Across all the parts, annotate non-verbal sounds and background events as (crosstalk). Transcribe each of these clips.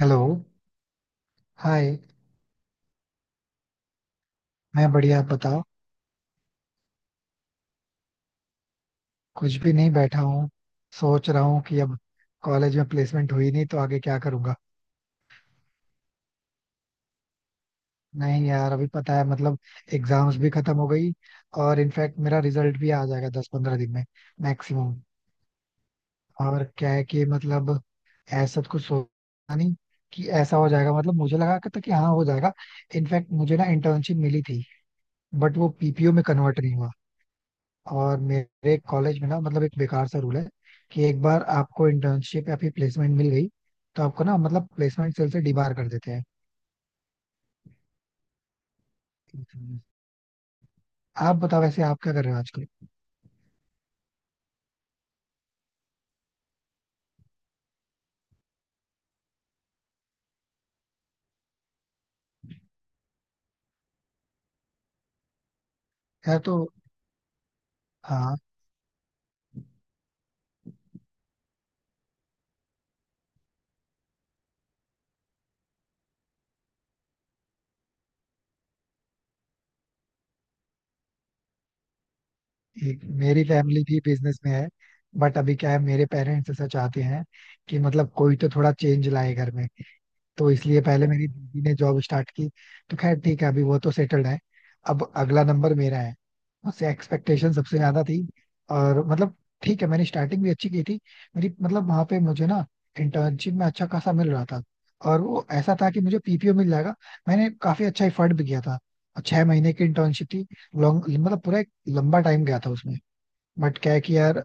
Hello. Hi. मैं बढ़िया, आप बताओ। कुछ भी नहीं, बैठा हूँ। सोच रहा हूँ कि अब कॉलेज में प्लेसमेंट हुई नहीं तो आगे क्या करूँगा। नहीं यार, अभी पता है, मतलब एग्जाम्स भी खत्म हो गई। और इनफैक्ट मेरा रिजल्ट भी आ जाएगा 10 15 दिन में मैक्सिमम। और क्या है कि मतलब ऐसा तो कुछ सोचा नहीं कि ऐसा हो जाएगा। मतलब मुझे लगा कि था कि हाँ हो जाएगा। इनफैक्ट मुझे ना इंटर्नशिप मिली थी बट वो पीपीओ में कन्वर्ट नहीं हुआ। और मेरे कॉलेज में ना, मतलब एक बेकार सा रूल है कि एक बार आपको इंटर्नशिप या फिर प्लेसमेंट मिल गई तो आपको ना, मतलब प्लेसमेंट सेल से डिबार कर देते हैं। आप बताओ, वैसे आप क्या कर रहे हो आजकल। यार तो। हाँ, एक मेरी फैमिली भी बिजनेस में है। बट अभी क्या है, मेरे पेरेंट्स ऐसा चाहते हैं कि मतलब कोई तो थोड़ा चेंज लाए घर में। तो इसलिए पहले मेरी दीदी ने जॉब स्टार्ट की। तो खैर ठीक है, अभी वो तो सेटल्ड है। अब अगला नंबर मेरा है। उससे एक्सपेक्टेशन सबसे ज्यादा थी। और मतलब ठीक है, मैंने स्टार्टिंग भी अच्छी की थी। मेरी, मतलब वहां पे मुझे ना इंटर्नशिप में अच्छा खासा मिल रहा था, और वो ऐसा था कि मुझे पीपीओ मिल जाएगा। मैंने काफी अच्छा एफर्ट भी किया था। और 6 महीने की इंटर्नशिप थी, लॉन्ग, मतलब पूरा एक लंबा टाइम गया था उसमें। बट क्या है कि यार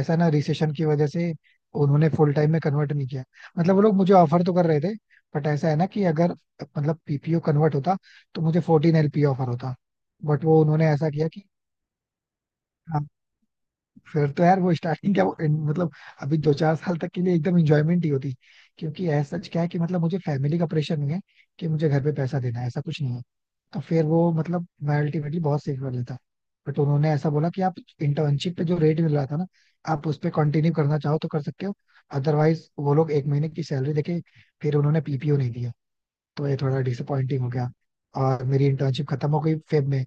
ऐसा ना रिसेशन की वजह से उन्होंने फुल टाइम में कन्वर्ट नहीं किया। मतलब वो लोग मुझे ऑफर तो कर रहे थे, बट ऐसा है ना कि अगर मतलब पीपीओ कन्वर्ट होता तो मुझे 14 LPA ऑफर होता। बट वो उन्होंने ऐसा किया कि हाँ, फिर तो यार वो स्टार्टिंग क्या, वो मतलब अभी दो चार साल तक के लिए एकदम इंजॉयमेंट ही होती। क्योंकि ऐसा सच क्या है कि मतलब मुझे फैमिली का प्रेशर नहीं है कि मुझे घर पे पैसा देना है, ऐसा कुछ नहीं है। तो फिर वो, मतलब मैं अल्टीमेटली बहुत सेव कर लेता। बट उन्होंने ऐसा बोला कि आप इंटर्नशिप पे जो रेट मिल रहा था ना, आप उस पर कंटिन्यू करना चाहो तो कर सकते हो, अदरवाइज वो लोग एक महीने की सैलरी देके। फिर उन्होंने पीपीओ नहीं दिया, तो ये थोड़ा डिसअपॉइंटिंग हो गया। और मेरी इंटर्नशिप खत्म हो गई फेब में।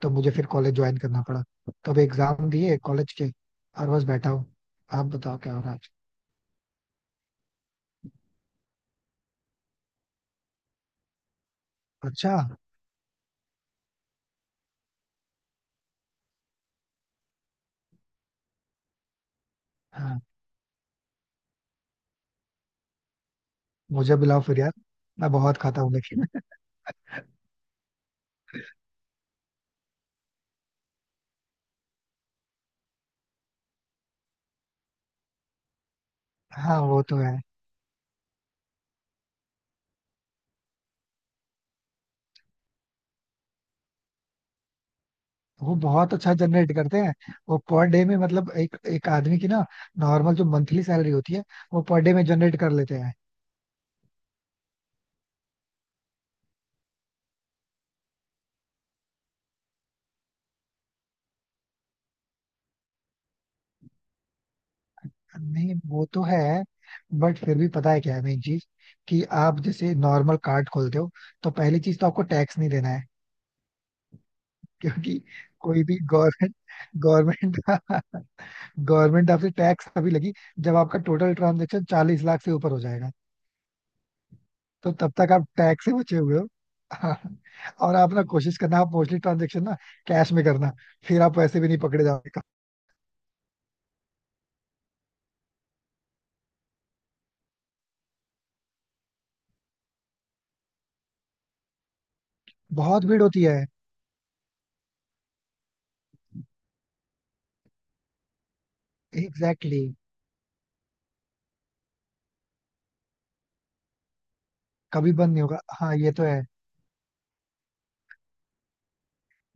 तो मुझे फिर कॉलेज ज्वाइन करना पड़ा। तब एग्जाम दिए कॉलेज के, और बस बैठा हूँ। आप बताओ क्या हो रहा है आज? अच्छा। हाँ, मुझे बुलाओ फिर यार, मैं बहुत खाता हूँ लेकिन। हाँ वो तो है, वो बहुत अच्छा जनरेट करते हैं। वो पर डे में, मतलब एक एक आदमी की ना नॉर्मल जो मंथली सैलरी होती है, वो पर डे में जनरेट कर लेते हैं। नहीं वो तो है, बट फिर भी पता है क्या है मेन चीज, कि आप जैसे नॉर्मल कार्ड खोलते हो तो पहली चीज तो आपको टैक्स नहीं देना है। क्योंकि कोई भी गवर्नमेंट गवर्नमेंट गवर्नमेंट (laughs) आपसे टैक्स तभी लगी जब आपका टोटल ट्रांजेक्शन 40 लाख से ऊपर हो जाएगा। तो तब तक आप टैक्स से बचे हुए हो। हाँ, और आप ना कोशिश करना, आप मोस्टली ट्रांजेक्शन ना कैश में करना। फिर आप पैसे भी नहीं पकड़े जाओगे। बहुत भीड़ होती है। Exactly exactly. कभी बंद नहीं होगा, हाँ ये तो है।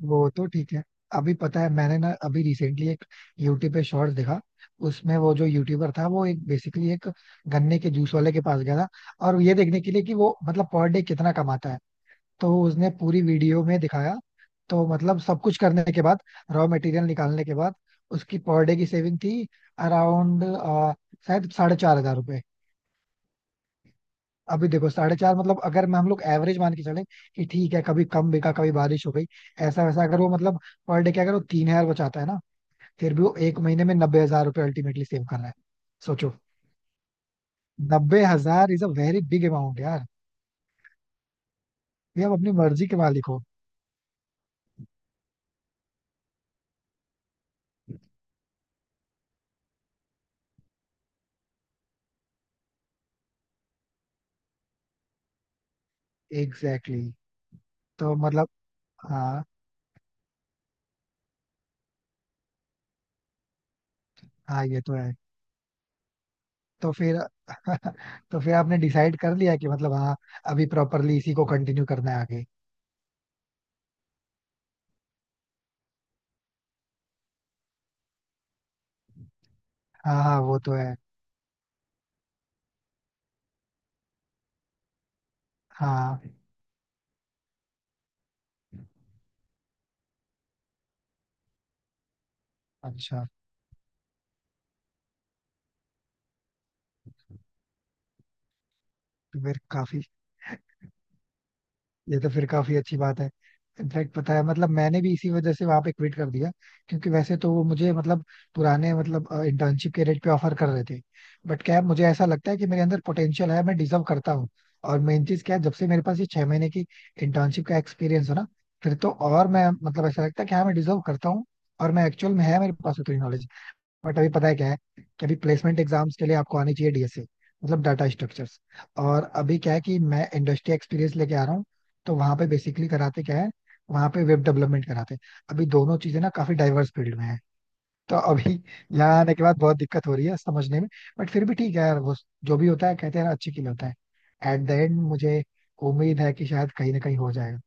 वो तो ठीक है। अभी पता है, मैंने ना अभी रिसेंटली एक यूट्यूब पे शॉर्ट्स देखा। उसमें वो जो यूट्यूबर था, वो एक, बेसिकली एक गन्ने के जूस वाले के पास गया था, और ये देखने के लिए कि वो मतलब पर डे कितना कमाता है। तो उसने पूरी वीडियो में दिखाया। तो मतलब सब कुछ करने के बाद, रॉ मटेरियल निकालने के बाद, उसकी पर डे की सेविंग थी अराउंड शायद 4,500 रुपए। अभी देखो 4.5, मतलब अगर मैं हम लोग एवरेज मान के चले कि ठीक है कभी कम बिका कभी बारिश हो गई ऐसा वैसा, अगर वो मतलब पर डे के अगर वो 3,000 बचाता है ना, फिर भी वो एक महीने में 90,000 रुपये अल्टीमेटली सेव कर रहा है। सोचो, 90,000 is a very big amount यार। ये आप अपनी मर्जी के मालिक हो। Exactly exactly. तो मतलब हाँ, हाँ ये तो है। तो फिर (laughs) तो फिर आपने डिसाइड कर लिया कि मतलब हाँ अभी प्रॉपरली इसी को कंटिन्यू करना है आगे। हाँ हाँ वो तो है। हाँ। अच्छा। तो फिर काफी ये तो फिर काफी अच्छी बात है। इनफैक्ट पता है, मतलब मैंने भी इसी वजह से वहां पे क्विट कर दिया। क्योंकि वैसे तो वो मुझे, मतलब पुराने, मतलब इंटर्नशिप के रेट पे ऑफर कर रहे थे। बट क्या है, मुझे ऐसा लगता है कि मेरे अंदर पोटेंशियल है, मैं डिजर्व करता हूँ। और मेन चीज क्या है, जब से मेरे पास ये 6 महीने की इंटर्नशिप का एक्सपीरियंस हो ना, फिर तो। और मैं, मतलब ऐसा लगता है कि हाँ मैं डिजर्व करता हूँ, और मैं एक्चुअल में है मेरे पास उतनी नॉलेज। बट अभी पता है क्या है कि अभी प्लेसमेंट एग्जाम्स के लिए आपको आनी चाहिए डीएसए, मतलब डाटा स्ट्रक्चर्स। और अभी क्या है कि मैं इंडस्ट्री एक्सपीरियंस लेके आ रहा हूँ, तो वहां पे बेसिकली कराते क्या है, वहां पे वेब डेवलपमेंट कराते हैं। अभी दोनों चीजें ना काफी डाइवर्स फील्ड में है। तो अभी (laughs) यहाँ आने के बाद बहुत दिक्कत हो रही है समझने में। बट फिर भी ठीक है यार, वो जो भी होता है कहते हैं ना अच्छे के लिए होता है। एट द एंड मुझे उम्मीद है कि शायद कहीं ना कहीं हो जाएगा।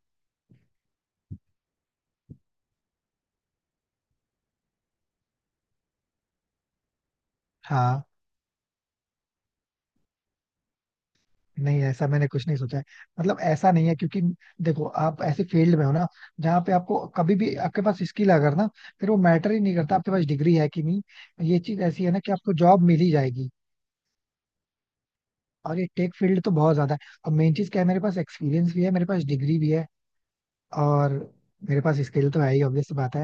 हाँ। नहीं ऐसा मैंने कुछ नहीं सोचा है, मतलब ऐसा नहीं है। क्योंकि देखो, आप ऐसे फील्ड में हो ना जहाँ पे आपको कभी भी आपके पास स्किल अगर ना, फिर वो मैटर ही नहीं करता आपके पास डिग्री है कि नहीं। ये चीज ऐसी है ना कि आपको जॉब मिल ही जाएगी। और ये टेक फील्ड तो बहुत ज्यादा है, और मेन चीज क्या है, मेरे पास एक्सपीरियंस भी है, मेरे पास डिग्री भी है, और मेरे पास स्किल तो है ही, ऑब्वियस बात है।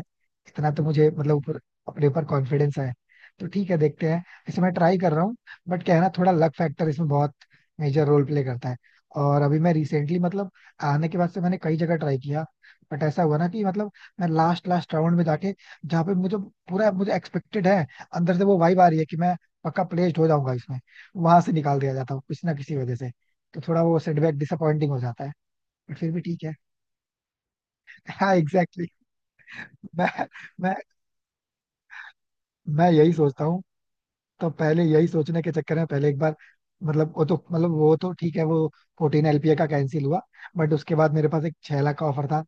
इतना तो मुझे मतलब ऊपर अपने ऊपर कॉन्फिडेंस है। तो ठीक है, देखते हैं। वैसे मैं ट्राई कर रहा हूँ, बट क्या है ना, थोड़ा लक फैक्टर इसमें बहुत मेजर रोल प्ले करता है। और अभी मैं रिसेंटली, मतलब आने के बाद से मैंने कई जगह ट्राई किया। बट ऐसा हुआ ना कि मतलब मैं लास्ट लास्ट राउंड में जाके, जहाँ पे मुझे पूरा मुझे एक्सपेक्टेड है, अंदर से वो वाइब आ रही है कि मैं पक्का प्लेस्ड हो जाऊंगा इसमें, वहां से निकाल दिया जाता हूँ किसी ना किसी वजह से। तो थोड़ा वो सेटबैक डिसअपॉइंटिंग हो जाता है। बट फिर भी ठीक है। (laughs) हाँ एग्जैक्टली। मैं मैं मैं यही सोचता हूँ। तो पहले यही सोचने के चक्कर में पहले एक बार मतलब, वो तो मतलब वो तो ठीक है, वो 14 LPA का कैंसिल हुआ। बट उसके बाद मेरे पास एक 6 लाख का ऑफर था।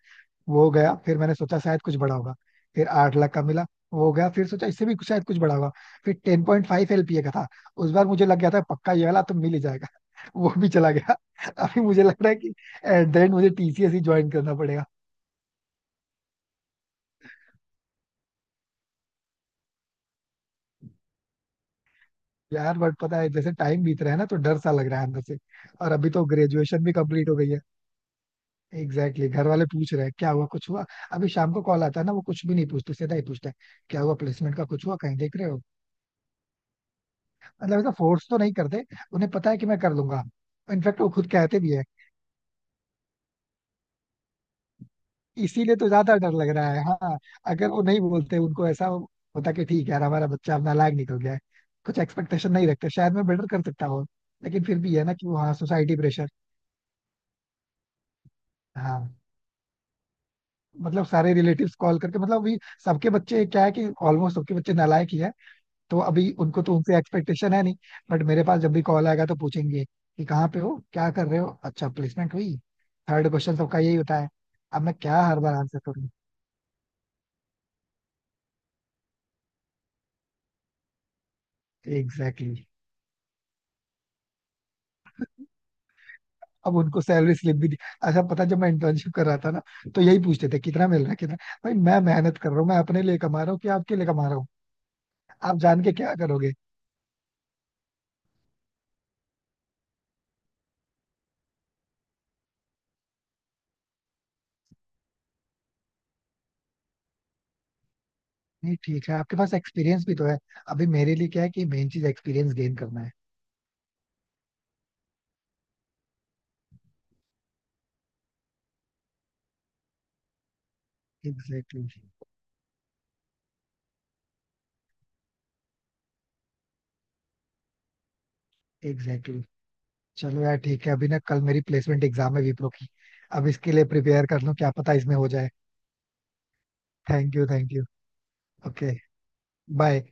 वो गया, फिर मैंने सोचा शायद कुछ बड़ा होगा। फिर 8 लाख का मिला। वो गया, फिर सोचा इससे भी शायद कुछ बड़ा होगा। फिर 10.5 LPA का था। उस बार मुझे लग गया था पक्का ये वाला तो मिल ही जाएगा। (laughs) वो भी चला गया। अभी मुझे लग रहा है कि एट द एंड मुझे टीसीएस ही ज्वाइन करना पड़ेगा। यार बट पता है जैसे टाइम बीत रहा है ना, तो डर सा लग रहा है अंदर से। और अभी तो ग्रेजुएशन भी कंप्लीट हो गई है। Exactly exactly. घर वाले पूछ रहे हैं क्या हुआ, कुछ हुआ। अभी शाम को कॉल आता है ना, वो कुछ भी नहीं पूछते, सीधा ही पूछते हैं क्या हुआ प्लेसमेंट का, कुछ हुआ, कहीं देख रहे हो। मतलब ऐसा फोर्स तो नहीं करते, उन्हें पता है कि मैं कर लूंगा। इनफैक्ट वो खुद कहते भी है। इसीलिए तो ज्यादा डर लग रहा है, हाँ। अगर वो नहीं बोलते उनको ऐसा होता कि ठीक है यार हमारा बच्चा अपना लायक निकल गया है, कुछ एक्सपेक्टेशन नहीं रखते, शायद मैं बेटर कर सकता हूँ। लेकिन फिर भी है ना कि वो हाँ, सोसाइटी प्रेशर। हाँ। मतलब सारे रिलेटिव्स कॉल करके, मतलब अभी सबके बच्चे क्या है कि ऑलमोस्ट सबके बच्चे नालायक ही है। तो अभी उनको तो उनसे एक्सपेक्टेशन है नहीं। बट मेरे पास जब भी कॉल आएगा तो पूछेंगे कि कहाँ पे हो, क्या कर रहे हो, अच्छा प्लेसमेंट हुई। थर्ड क्वेश्चन सबका यही होता है। अब मैं क्या हर बार आंसर करूँ। Exactly exactly. अब उनको सैलरी स्लिप भी दी- अच्छा पता है, जब मैं इंटर्नशिप कर रहा था ना, तो यही पूछते थे कितना मिल रहा है, कितना। भाई, मैं मेहनत कर रहा हूँ, मैं अपने लिए कमा रहा हूँ कि आपके लिए कमा रहा हूँ, आप जान के क्या करोगे। नहीं ठीक है, आपके पास एक्सपीरियंस भी तो है। अभी मेरे लिए क्या है कि मेन चीज एक्सपीरियंस गेन करना है। Exactly exactly, exactly exactly. चलो यार ठीक है, अभी ना कल मेरी प्लेसमेंट एग्जाम है विप्रो की। अब इसके लिए प्रिपेयर कर लूं, क्या पता इसमें हो जाए। Thank you, thank you. Okay. Bye.